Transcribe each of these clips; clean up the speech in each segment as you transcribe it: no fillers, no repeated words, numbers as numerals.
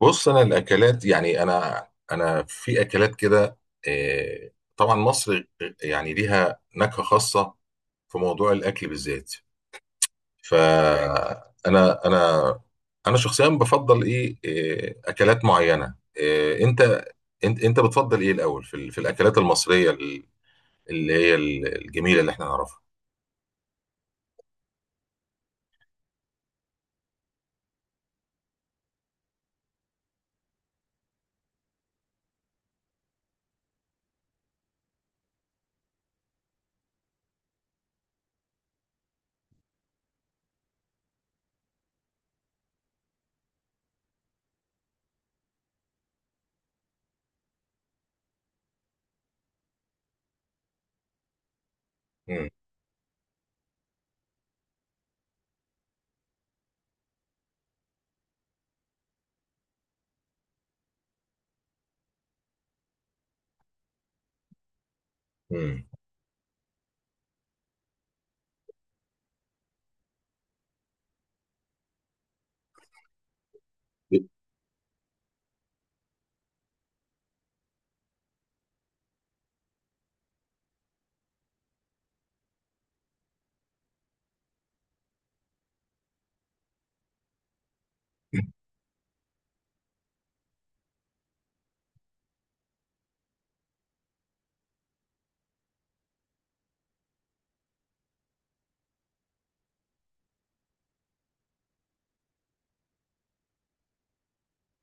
بص، انا الاكلات يعني انا في اكلات كده، آه، طبعا مصر يعني ليها نكهه خاصه في موضوع الاكل بالذات. فانا انا انا أنا شخصيا بفضل ايه اكلات معينه. آه، انت انت بتفضل ايه الاول في ال- في الاكلات المصريه اللي هي الجميله اللي احنا نعرفها. مم. مم.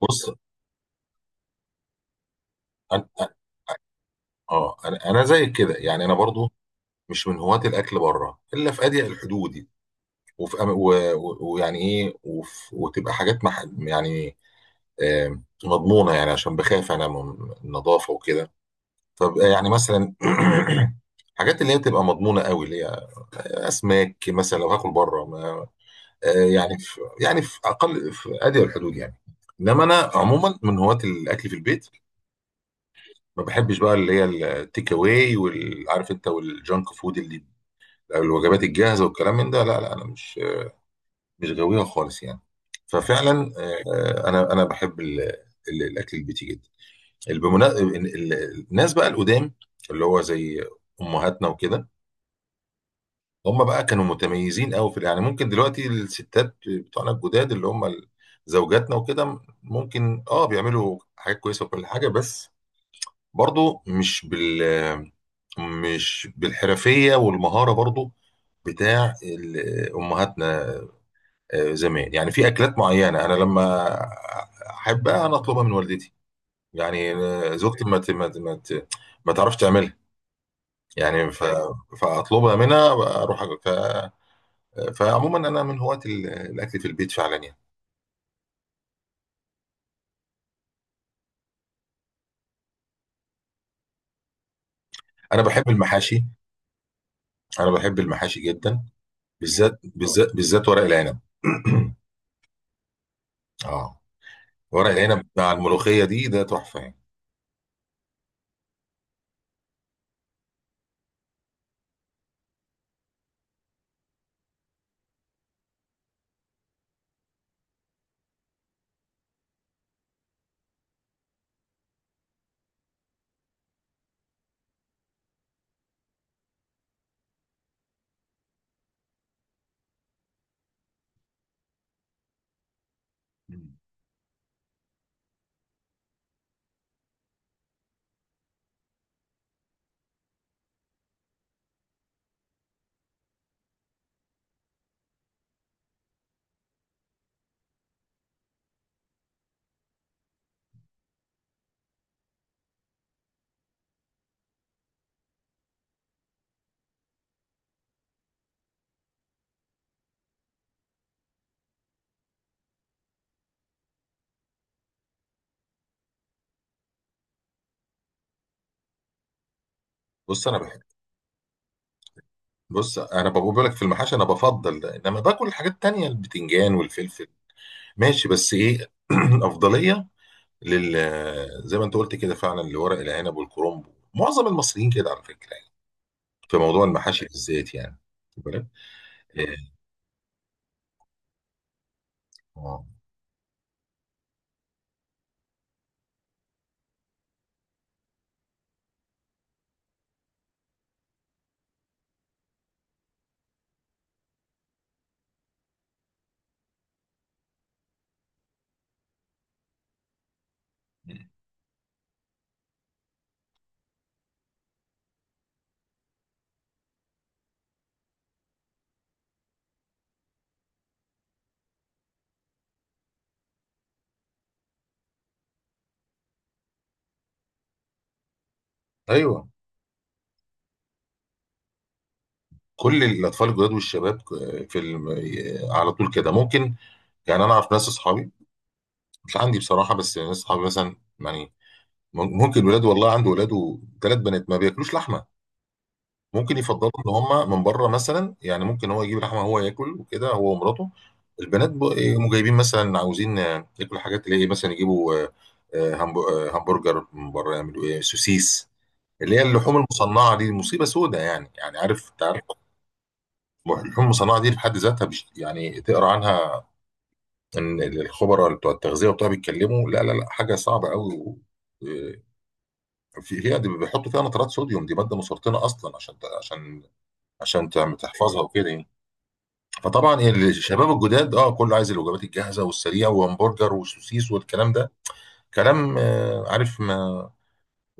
بص انا اه انا زيك كده يعني انا برضو مش من هواة الاكل بره الا في اضيق الحدود، وفي أم- و- و- ويعني ايه وف- وتبقى حاجات مح يعني آه، مضمونه يعني عشان بخاف انا من النظافه وكده. فبقى يعني مثلا حاجات اللي هي بتبقى مضمونه قوي، اللي هي اسماك مثلا. لو هاكل بره ما يعني في اقل، في ادي الحدود يعني. انما انا عموما من هواة الاكل في البيت. ما بحبش بقى اللي هي التيك اواي، والعارف انت، والجانك فود، اللي الوجبات الجاهزه والكلام من ده. لا لا انا مش غاوية خالص يعني. ففعلا انا بحب الاكل البيتي جدا. بالمنا- ال- ال- الناس بقى القدام اللي هو زي امهاتنا وكده، هم بقى كانوا متميزين قوي في يعني. ممكن دلوقتي الستات بتوعنا الجداد اللي هم زوجاتنا وكده، ممكن اه بيعملوا حاجات كويسه وكل حاجه، بس برضو مش بال، مش بالحرفيه والمهاره برضو بتاع امهاتنا زمان يعني. في اكلات معينه انا لما احبها انا اطلبها من والدتي، يعني زوجتي ما تعرفش تعملها يعني. ف... فاطلبها منها، اروح أكل. ف... فعموما انا من هواة الاكل في البيت فعلا يعني. انا بحب المحاشي، جدا، بالذات بالذات ورق العنب. اه، ورق العنب مع الملوخيه دي ده تحفه يعني. بص انا بحب بص، انا بقول لك في المحاشي انا بفضل، انما باكل الحاجات التانيه البتنجان والفلفل ماشي، بس ايه افضليه لل، زي ما انت قلت كده فعلا، لورق العنب والكرنب. معظم المصريين كده على فكره يعني في موضوع المحاشي بالذات يعني. واخد بالك؟ إيه، آه. ايوه، كل الاطفال الجداد والشباب في الم... على طول كده ممكن يعني. انا اعرف ناس، اصحابي، مش عندي بصراحه بس ناس اصحابي مثلا يعني. ممكن ولاد، والله عنده ولاده ثلاث بنات ما بياكلوش لحمه. ممكن يفضلوا ان هم من بره مثلا يعني. ممكن هو يجيب لحمه هو ياكل وكده، هو ومراته. البنات يقوموا جايبين مثلا عاوزين ياكلوا حاجات اللي هي مثلا يجيبوا همبرجر من بره، يعملوا ايه سوسيس، اللي هي اللحوم المصنعه دي مصيبه سودة يعني. يعني عارف، انت عارف اللحوم المصنعه دي في حد ذاتها، يعني تقرا عنها ان الخبراء بتوع التغذيه وبتوع بيتكلموا، لا لا لا حاجه صعبه قوي و... آه، في هي دي بيحطوا فيها نترات صوديوم، دي ماده مسرطنه اصلا، عشان تحفظها وكده يعني. فطبعا الشباب الجداد اه كله عايز الوجبات الجاهزه والسريعه، وهمبرجر وسوسيس والكلام ده كلام آه، عارف. ما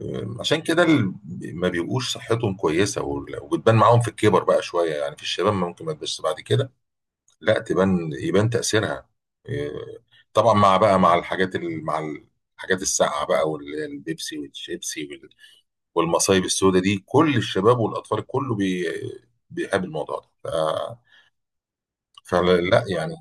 آه، عشان كده ما بيبقوش صحتهم كويسه، وال، وبتبان معاهم في الكبر بقى شويه يعني. في الشباب ممكن ما تبانش، بعد كده لا تبان، يبان تاثيرها آه. طبعا مع بقى، مع الحاجات ال، مع الحاجات الساقعه بقى، واللي هي البيبسي والشيبسي وال، والمصايب السوداء دي، كل الشباب والاطفال كله بيقابل الموضوع ده، ف، فلا لا يعني.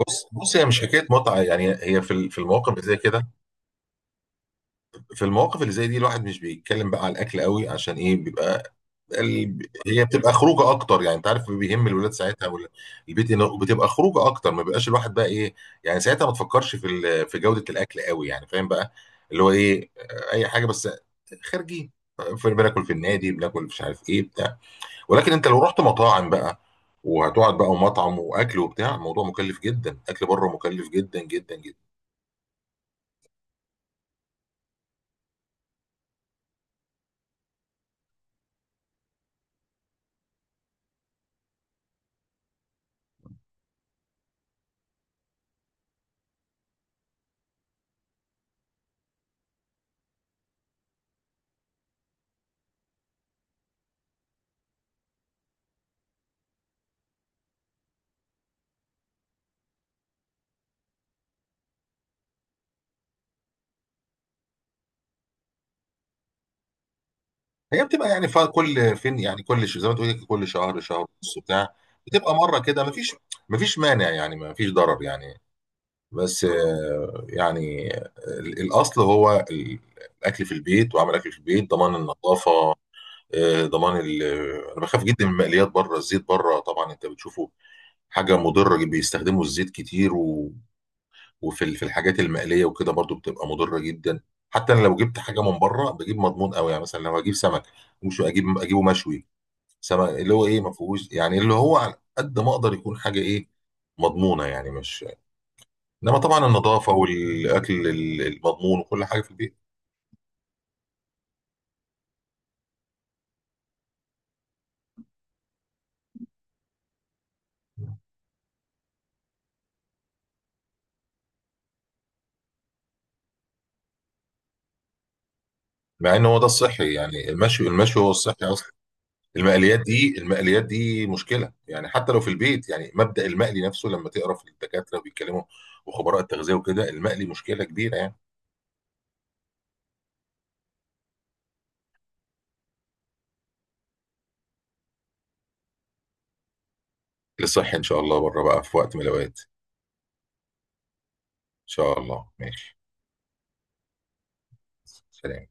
بص بص، هي مش حكايه متعه يعني، هي في ال، في المواقف اللي زي كده، في المواقف اللي زي دي الواحد مش بيتكلم بقى على الاكل قوي، عشان ايه بيبقى ال... هي بتبقى خروجه اكتر يعني. انت عارف بيهم الولاد ساعتها ولا البيت، انه بتبقى خروجه اكتر، ما بيبقاش الواحد بقى ايه يعني. ساعتها ما تفكرش في ال... في جوده الاكل قوي يعني، فاهم بقى. اللي هو ايه، اي حاجه بس خارجي، في بناكل في النادي بناكل، مش عارف ايه بتاع. ولكن انت لو رحت مطاعم بقى، وهتقعد بقى ومطعم واكل وبتاع، الموضوع مكلف جدا، اكل بره مكلف جدا جدا جدا. هي بتبقى يعني، كل فين يعني، كل زي ما تقولي كل شهر، شهر ونص بتاع، بتبقى مره كده، مفيش، مفيش مانع يعني، مفيش ضرر يعني. بس يعني الاصل هو الاكل في البيت، وعمل اكل في البيت ضمان النظافه. آه، ضمان ال- آه، انا بخاف جدا من المقليات بره. الزيت بره طبعا انت بتشوفه حاجه مضره، بيستخدموا الزيت كتير و... وفي ال، في الحاجات المقليه وكده برضو بتبقى مضره جدا. حتى انا لو جبت حاجه من بره بجيب مضمون قوي يعني. مثلا لو هجيب سمك، مش اجيب، اجيبه مشوي، سما اللي هو ايه ما فيهوش يعني، اللي هو على قد ما اقدر يكون حاجه ايه مضمونه يعني، مش، انما طبعا النظافه والاكل المضمون وكل حاجه في البيت. مع ان هو ده الصحي يعني، المشي هو الصحي اصلا. المقليات دي مشكله يعني حتى لو في البيت يعني. مبدأ المقلي نفسه لما تقرا في الدكاتره بيتكلموا وخبراء التغذيه وكده، المقلي مشكله كبيره يعني. للصحي ان شاء الله، بره بقى في وقت من الاوقات ان شاء الله ماشي. سلام.